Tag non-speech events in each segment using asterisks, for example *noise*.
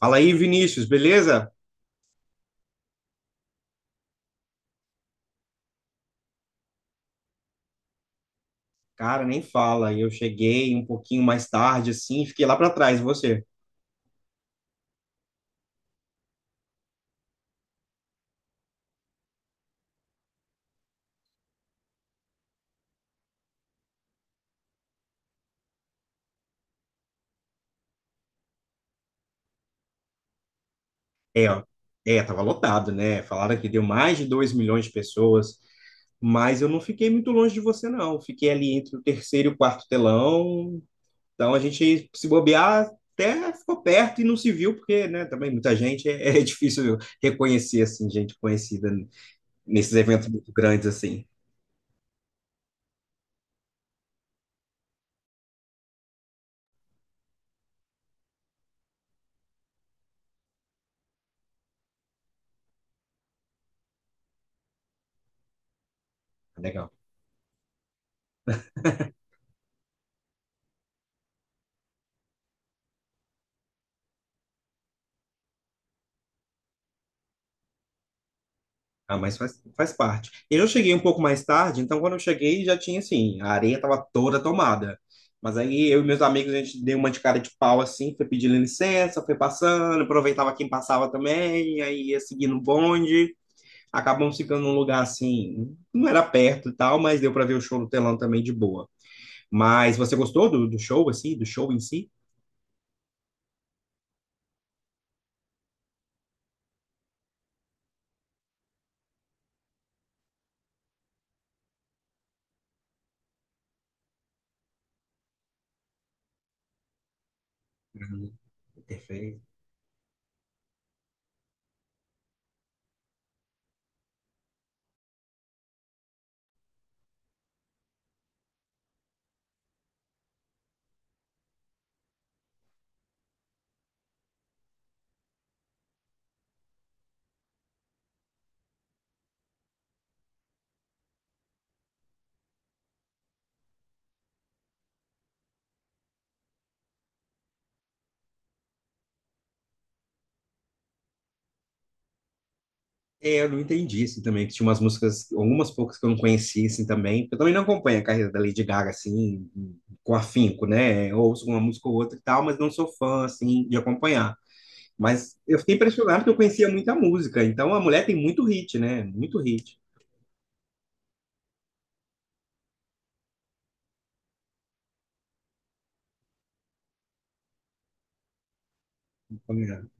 Fala aí, Vinícius, beleza? Cara, nem fala. Eu cheguei um pouquinho mais tarde, assim, fiquei lá para trás. E você? É, ó. É, tava lotado, né? Falaram que deu mais de 2 milhões de pessoas, mas eu não fiquei muito longe de você, não. Fiquei ali entre o terceiro e o quarto telão. Então a gente se bobear até ficou perto e não se viu, porque, né, também muita gente é difícil reconhecer, assim, gente conhecida nesses eventos muito grandes, assim. Legal. Ah, mas faz, faz parte. Eu cheguei um pouco mais tarde, então quando eu cheguei já tinha assim, a areia estava toda tomada. Mas aí eu e meus amigos, a gente deu uma de cara de pau assim, foi pedindo licença, foi passando, aproveitava quem passava também, aí ia seguindo o bonde. Acabamos ficando num lugar assim, não era perto e tal, mas deu para ver o show no telão também de boa. Mas você gostou do show, assim, do show em si? Uhum. Perfeito. É, eu não entendi isso também, que tinha umas músicas, algumas poucas que eu não conhecia, assim, também. Eu também não acompanho a carreira da Lady Gaga, assim, com afinco, né? Eu ouço uma música ou outra e tal, mas não sou fã, assim, de acompanhar. Mas eu fiquei impressionado porque eu conhecia muita música. Então, a mulher tem muito hit, né? Muito hit. Combinado.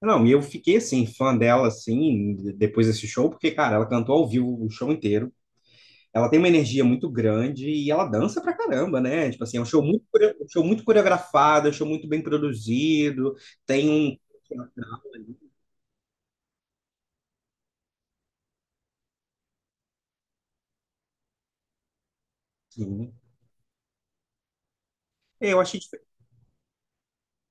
Não, e eu fiquei assim, fã dela, assim, depois desse show, porque, cara, ela cantou ao vivo o show inteiro. Ela tem uma energia muito grande e ela dança pra caramba, né? Tipo assim, é um show muito, um show muito coreografado, é um show muito bem produzido, tem um. Sim. Eu achei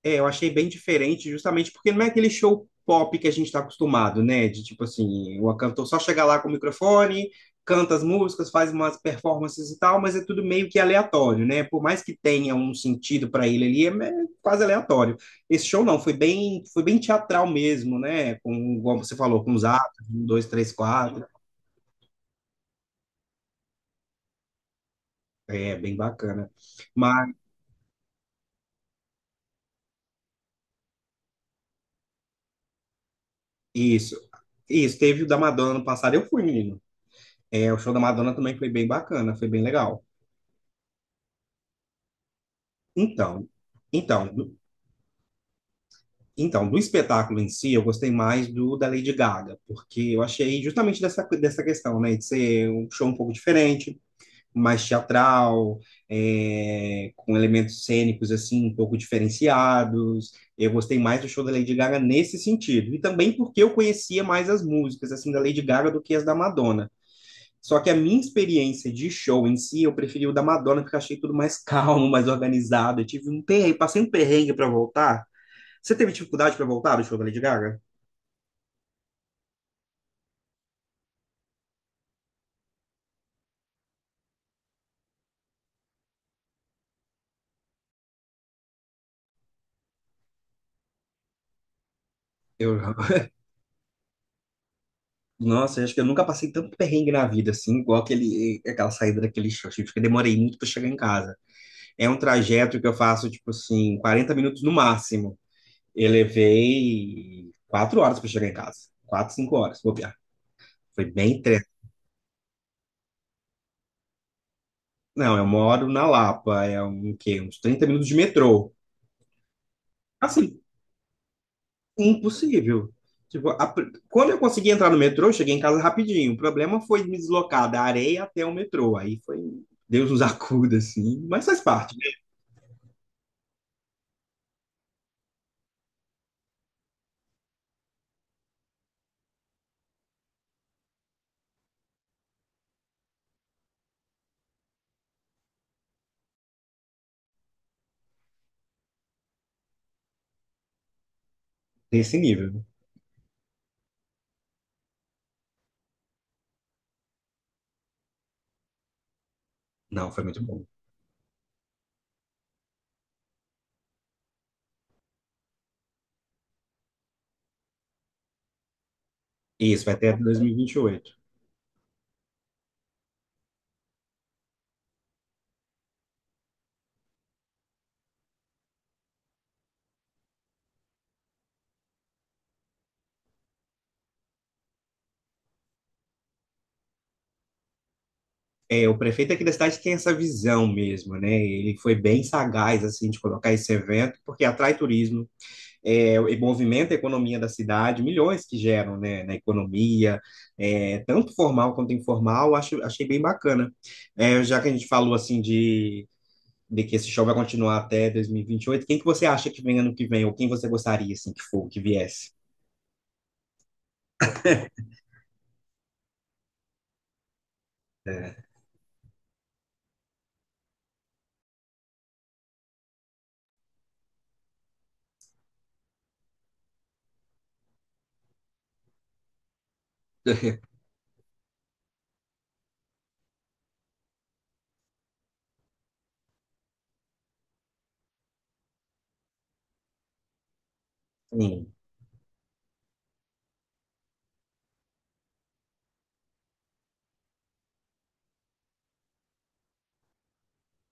É, eu achei bem diferente, justamente porque não é aquele show pop que a gente está acostumado, né? De tipo assim, o cantor só chega lá com o microfone, canta as músicas, faz umas performances e tal, mas é tudo meio que aleatório, né? Por mais que tenha um sentido para ele ali, é quase aleatório. Esse show não, foi bem teatral mesmo, né? Com, como você falou, com os atos, um, dois, três, quatro. É, bem bacana. Mas isso, isso, teve o da Madonna no passado, eu fui, menino. É, o show da Madonna também foi bem bacana, foi bem legal. Então, então, do- então, do espetáculo em si, eu gostei mais do da Lady Gaga, porque eu achei justamente dessa questão, né, de ser um show um pouco diferente, mais teatral, é, com elementos cênicos, assim, um pouco diferenciados. Eu gostei mais do show da Lady Gaga nesse sentido, e também porque eu conhecia mais as músicas, assim, da Lady Gaga do que as da Madonna. Só que a minha experiência de show em si, eu preferi o da Madonna, porque eu achei tudo mais *laughs* calmo, mais organizado. Eu tive um perrengue, passei um perrengue para voltar. Você teve dificuldade para voltar do show da Lady Gaga? Eu. *laughs* Nossa, eu acho que eu nunca passei tanto perrengue na vida, assim, igual aquele, aquela saída daquele show. Tipo, que eu demorei muito para chegar em casa. É um trajeto que eu faço, tipo assim, 40 minutos no máximo. Eu levei 4 horas para chegar em casa. Quatro, cinco horas, vou bobear. Foi bem treta. Não, eu moro na Lapa, é um quê? Uns 30 minutos de metrô. Assim, impossível. Tipo, quando eu consegui entrar no metrô, eu cheguei em casa rapidinho. O problema foi me deslocar da areia até o metrô. Aí foi, Deus nos *laughs* acuda, assim. Mas faz parte, né? Desse nível. Não, foi muito bom. Isso, vai até 2028. É, o prefeito aqui da cidade tem essa visão mesmo, né? Ele foi bem sagaz, assim, de colocar esse evento, porque atrai turismo, é, e movimenta a economia da cidade, milhões que geram, né, na economia, é, tanto formal quanto informal, acho, achei bem bacana. É, já que a gente falou assim de que esse show vai continuar até dois mil e vinte e oito, quem que você acha que vem ano que vem, ou quem você gostaria assim que for, que viesse? É. *laughs* Sim,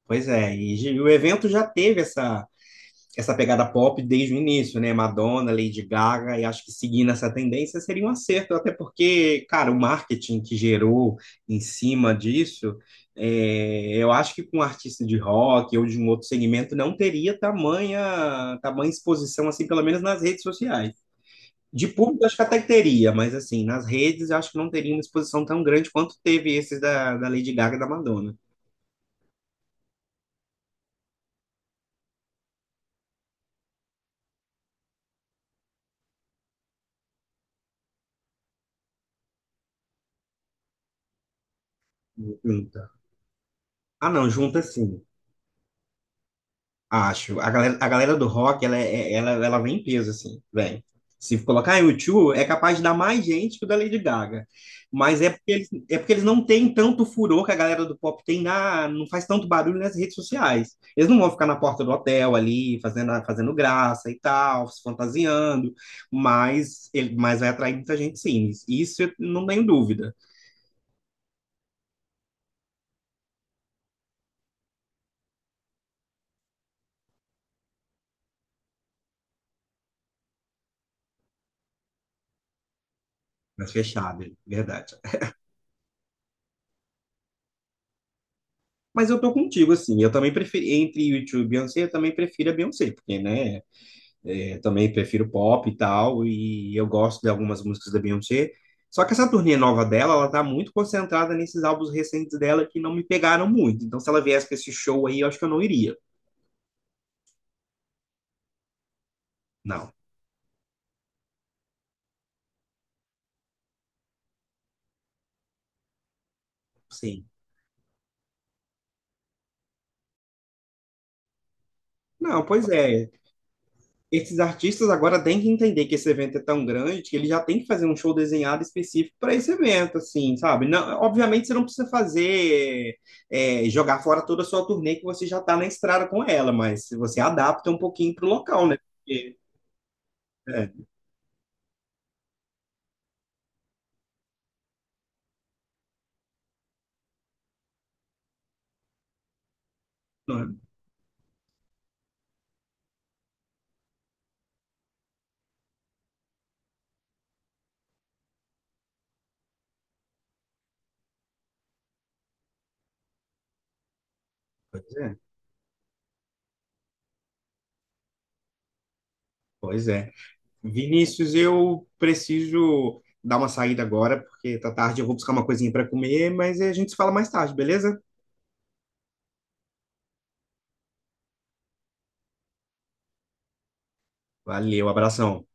pois é, e o evento já teve essa pegada pop desde o início, né? Madonna, Lady Gaga, e acho que seguindo essa tendência seria um acerto, até porque, cara, o marketing que gerou em cima disso, é, eu acho que com um artista de rock ou de um outro segmento não teria tamanha, tamanha exposição, assim, pelo menos nas redes sociais. De público, acho que até teria, mas assim, nas redes, acho que não teria uma exposição tão grande quanto teve esses da Lady Gaga e da Madonna. Junta. Ah, não, junta sim. Acho. A galera do rock, ela, é- é, ela vem em peso, assim, vem. Se colocar U2, é capaz de dar mais gente que o da Lady Gaga. Mas é porque eles não têm tanto furor que a galera do pop tem não faz tanto barulho nas redes sociais. Eles não vão ficar na porta do hotel ali, fazendo, fazendo graça e tal, se fantasiando, mas vai atrair muita gente, sim. Isso eu não tenho dúvida. Mas fechado, é verdade. Mas eu tô contigo, assim. Eu também prefiro, entre YouTube e Beyoncé, eu também prefiro a Beyoncé, porque, né? É, também prefiro pop e tal, e eu gosto de algumas músicas da Beyoncé. Só que essa turnê nova dela, ela tá muito concentrada nesses álbuns recentes dela que não me pegaram muito. Então, se ela viesse com esse show aí, eu acho que eu não iria. Não, sim. Não, pois é. Esses artistas agora têm que entender que esse evento é tão grande que ele já tem que fazer um show desenhado específico para esse evento, assim, sabe? Não, obviamente você não precisa fazer, é, jogar fora toda a sua turnê que você já tá na estrada com ela, mas você adapta um pouquinho pro local, né? Porque, é, não é? Pois é, pois é. Vinícius, eu preciso dar uma saída agora, porque tá tarde, eu vou buscar uma coisinha para comer, mas a gente se fala mais tarde, beleza? Valeu, abração.